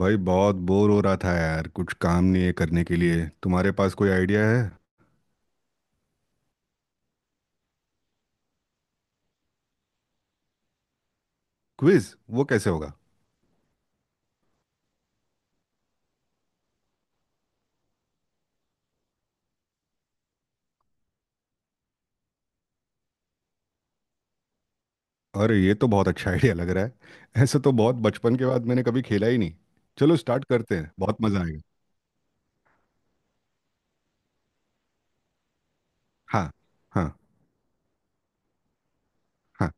भाई बहुत बोर हो रहा था यार। कुछ काम नहीं है करने के लिए। तुम्हारे पास कोई आइडिया है? क्विज? वो कैसे होगा? अरे ये तो बहुत अच्छा आइडिया लग रहा है। ऐसे तो बहुत बचपन के बाद मैंने कभी खेला ही नहीं। चलो स्टार्ट करते हैं, बहुत मज़ा आएगा। हाँ हाँ। हाँ।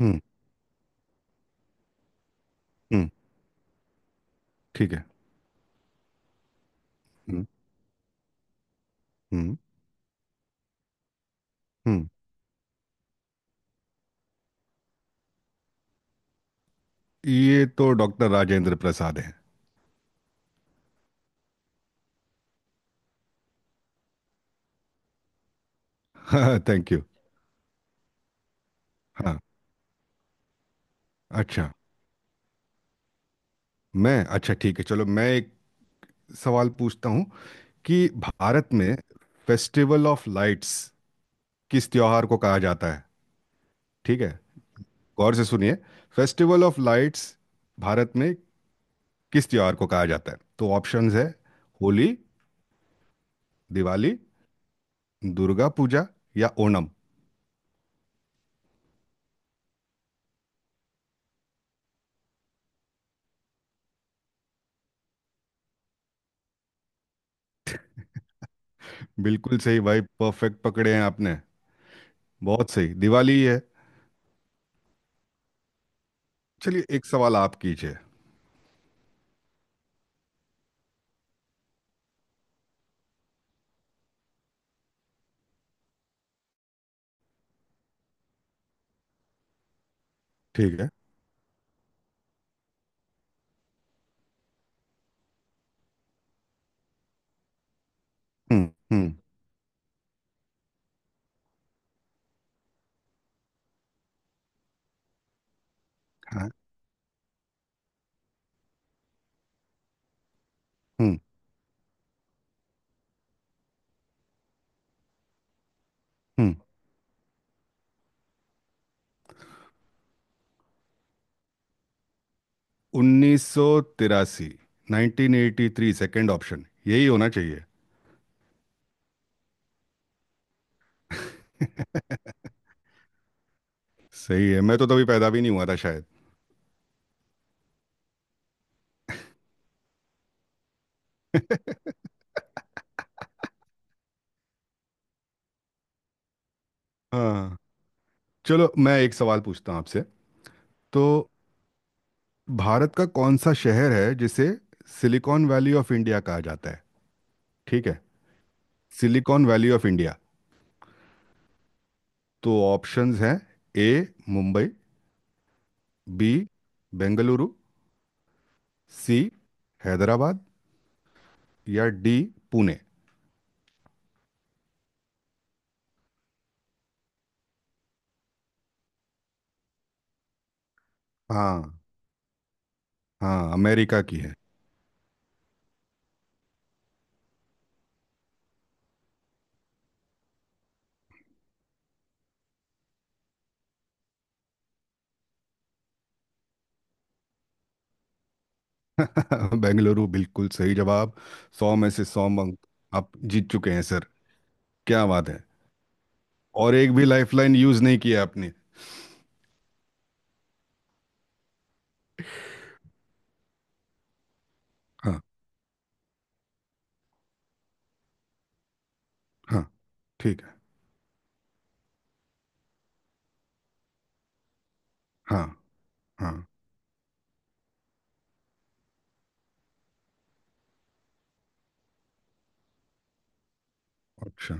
हम्म। हम्म। ठीक है। हम्म। हम्म। हम्म। ये तो डॉक्टर राजेंद्र प्रसाद है। हाँ, थैंक यू। हाँ। अच्छा। मैं अच्छा ठीक है, चलो मैं एक सवाल पूछता हूँ कि भारत में फेस्टिवल ऑफ लाइट्स किस त्योहार को कहा जाता है। ठीक है, गौर से सुनिए। फेस्टिवल ऑफ लाइट्स भारत में किस त्योहार को कहा जाता है? तो ऑप्शंस है होली, दिवाली, दुर्गा पूजा या ओणम। बिल्कुल सही भाई, परफेक्ट पकड़े हैं आपने। बहुत सही, दिवाली ही है। चलिए एक सवाल आप कीजिए। ठीक है। हम्म। हम्म। हाँ। हम्म। हम्म। 1983। 1983, सेकंड ऑप्शन, यही होना चाहिए। सही है, मैं तो तभी पैदा भी नहीं हुआ था शायद। हाँ। चलो मैं एक सवाल पूछता हूँ आपसे। तो भारत का कौन सा शहर है जिसे सिलिकॉन वैली ऑफ इंडिया कहा जाता है? ठीक है, सिलिकॉन वैली ऑफ इंडिया। तो ऑप्शंस हैं— A Mumbai, B Bengaluru, C Hyderabad, या डी पुणे। हाँ। हाँ, अमेरिका की है। बेंगलुरु, बिल्कुल सही जवाब। सौ में से सौ अंक। आप जीत चुके हैं सर, क्या बात है। और एक भी लाइफलाइन यूज नहीं किया आपने। हाँ। हाँ, ठीक है। हाँ। हाँ। अच्छा।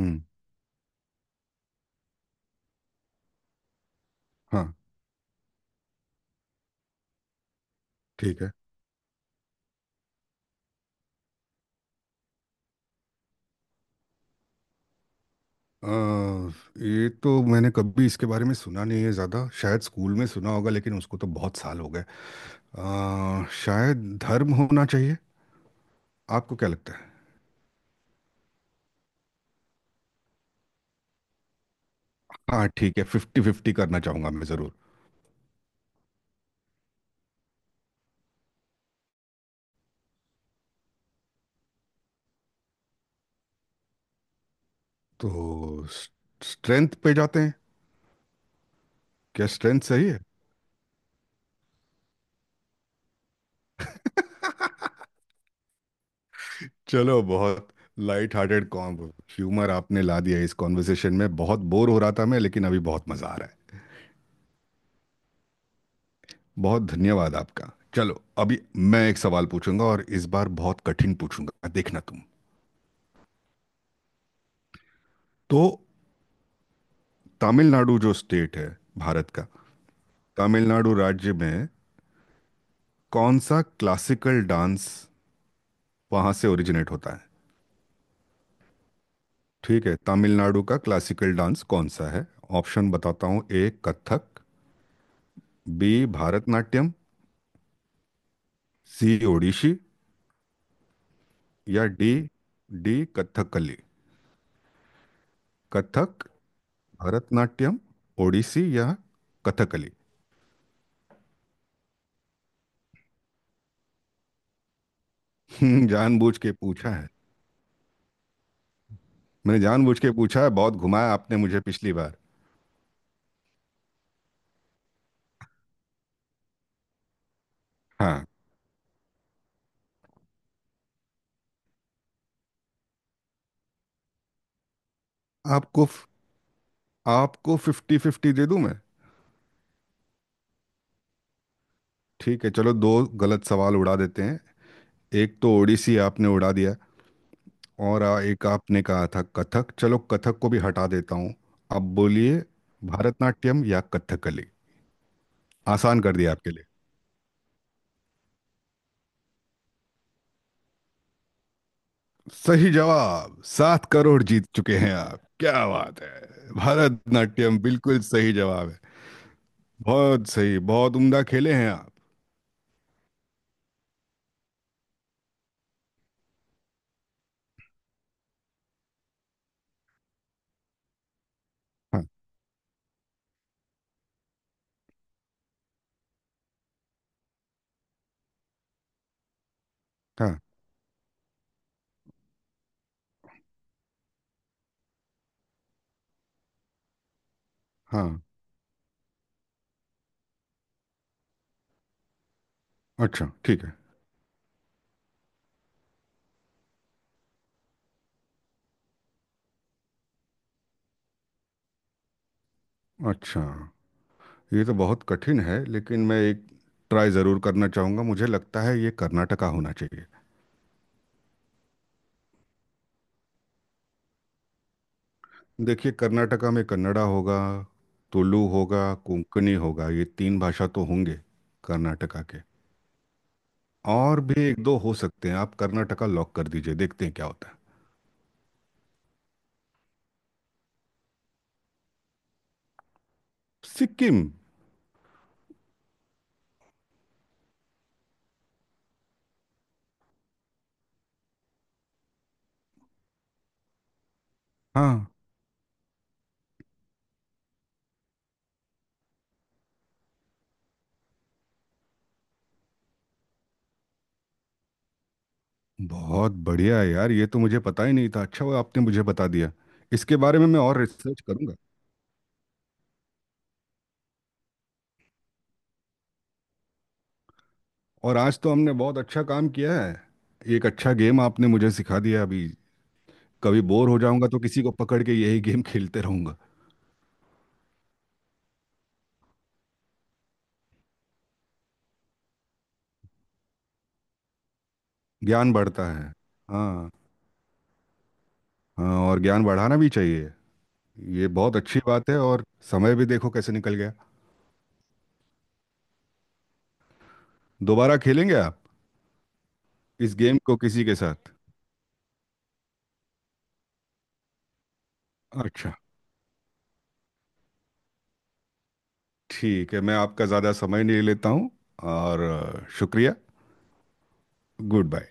हम्म। हाँ। ठीक है। अ, ये तो मैंने कभी इसके बारे में सुना नहीं है ज़्यादा। शायद स्कूल में सुना होगा लेकिन उसको तो बहुत साल हो गए। शायद धर्म होना चाहिए। आपको क्या लगता है? हाँ ठीक है, फिफ्टी फिफ्टी करना चाहूँगा मैं ज़रूर। तो स्ट्रेंथ पे जाते हैं। क्या स्ट्रेंथ सही है? चलो, बहुत लाइट हार्टेड कॉम ह्यूमर आपने ला दिया इस कॉन्वर्सेशन में। बहुत बोर हो रहा था मैं, लेकिन अभी बहुत मज़ा आ रहा है। बहुत धन्यवाद आपका। चलो अभी मैं एक सवाल पूछूंगा, और इस बार बहुत कठिन पूछूंगा, देखना तुम। तो तमिलनाडु जो स्टेट है भारत का, तमिलनाडु राज्य में कौन सा क्लासिकल डांस वहाँ से ओरिजिनेट होता है? ठीक है, तमिलनाडु का क्लासिकल डांस कौन सा है? ऑप्शन बताता हूँ— A Kathak, B Bharatanatyam, C Odissi, या डी डी कथकली। कथक, भरतनाट्यम, ओडिसी या कथकली। जानबूझ के पूछा है। मैंने जानबूझ के पूछा है, बहुत घुमाया आपने मुझे पिछली बार। हाँ। आपको आपको फिफ्टी फिफ्टी दे दूं मैं? ठीक है, चलो दो गलत सवाल उड़ा देते हैं। एक तो ओडिसी आपने उड़ा दिया, और एक आपने कहा था कथक, चलो कथक को भी हटा देता हूँ। अब बोलिए, भारतनाट्यम या कथकली। आसान कर दिया आपके लिए। सही जवाब, 7 करोड़ जीत चुके हैं आप, क्या बात है। भारतनाट्यम बिल्कुल सही जवाब है। बहुत सही, बहुत उम्दा खेले हैं आप। हाँ हाँ हाँ। अच्छा। ठीक है। अच्छा, ये तो बहुत कठिन है, लेकिन मैं एक ट्राई ज़रूर करना चाहूँगा। मुझे लगता है ये कर्नाटका होना चाहिए। देखिए, कर्नाटका में कन्नड़ा होगा, तुलु होगा, कोंकणी होगा, ये तीन भाषा तो होंगे कर्नाटका के। और भी एक दो हो सकते हैं। आप कर्नाटका लॉक कर दीजिए, देखते हैं क्या होता है। सिक्किम? हाँ। बहुत बढ़िया है यार, ये तो मुझे पता ही नहीं था। अच्छा हुआ आपने मुझे बता दिया। इसके बारे में मैं और रिसर्च करूँगा। और आज तो हमने बहुत अच्छा काम किया है। एक अच्छा गेम आपने मुझे सिखा दिया अभी। कभी बोर हो जाऊंगा तो किसी को पकड़ के यही गेम खेलते रहूंगा। ज्ञान बढ़ता है। हाँ। हाँ, और ज्ञान बढ़ाना भी चाहिए। ये बहुत अच्छी बात है। और समय भी देखो कैसे निकल गया। दोबारा खेलेंगे आप इस गेम को किसी के साथ? अच्छा, ठीक है। मैं आपका ज़्यादा समय नहीं लेता हूँ। और शुक्रिया। Good bye.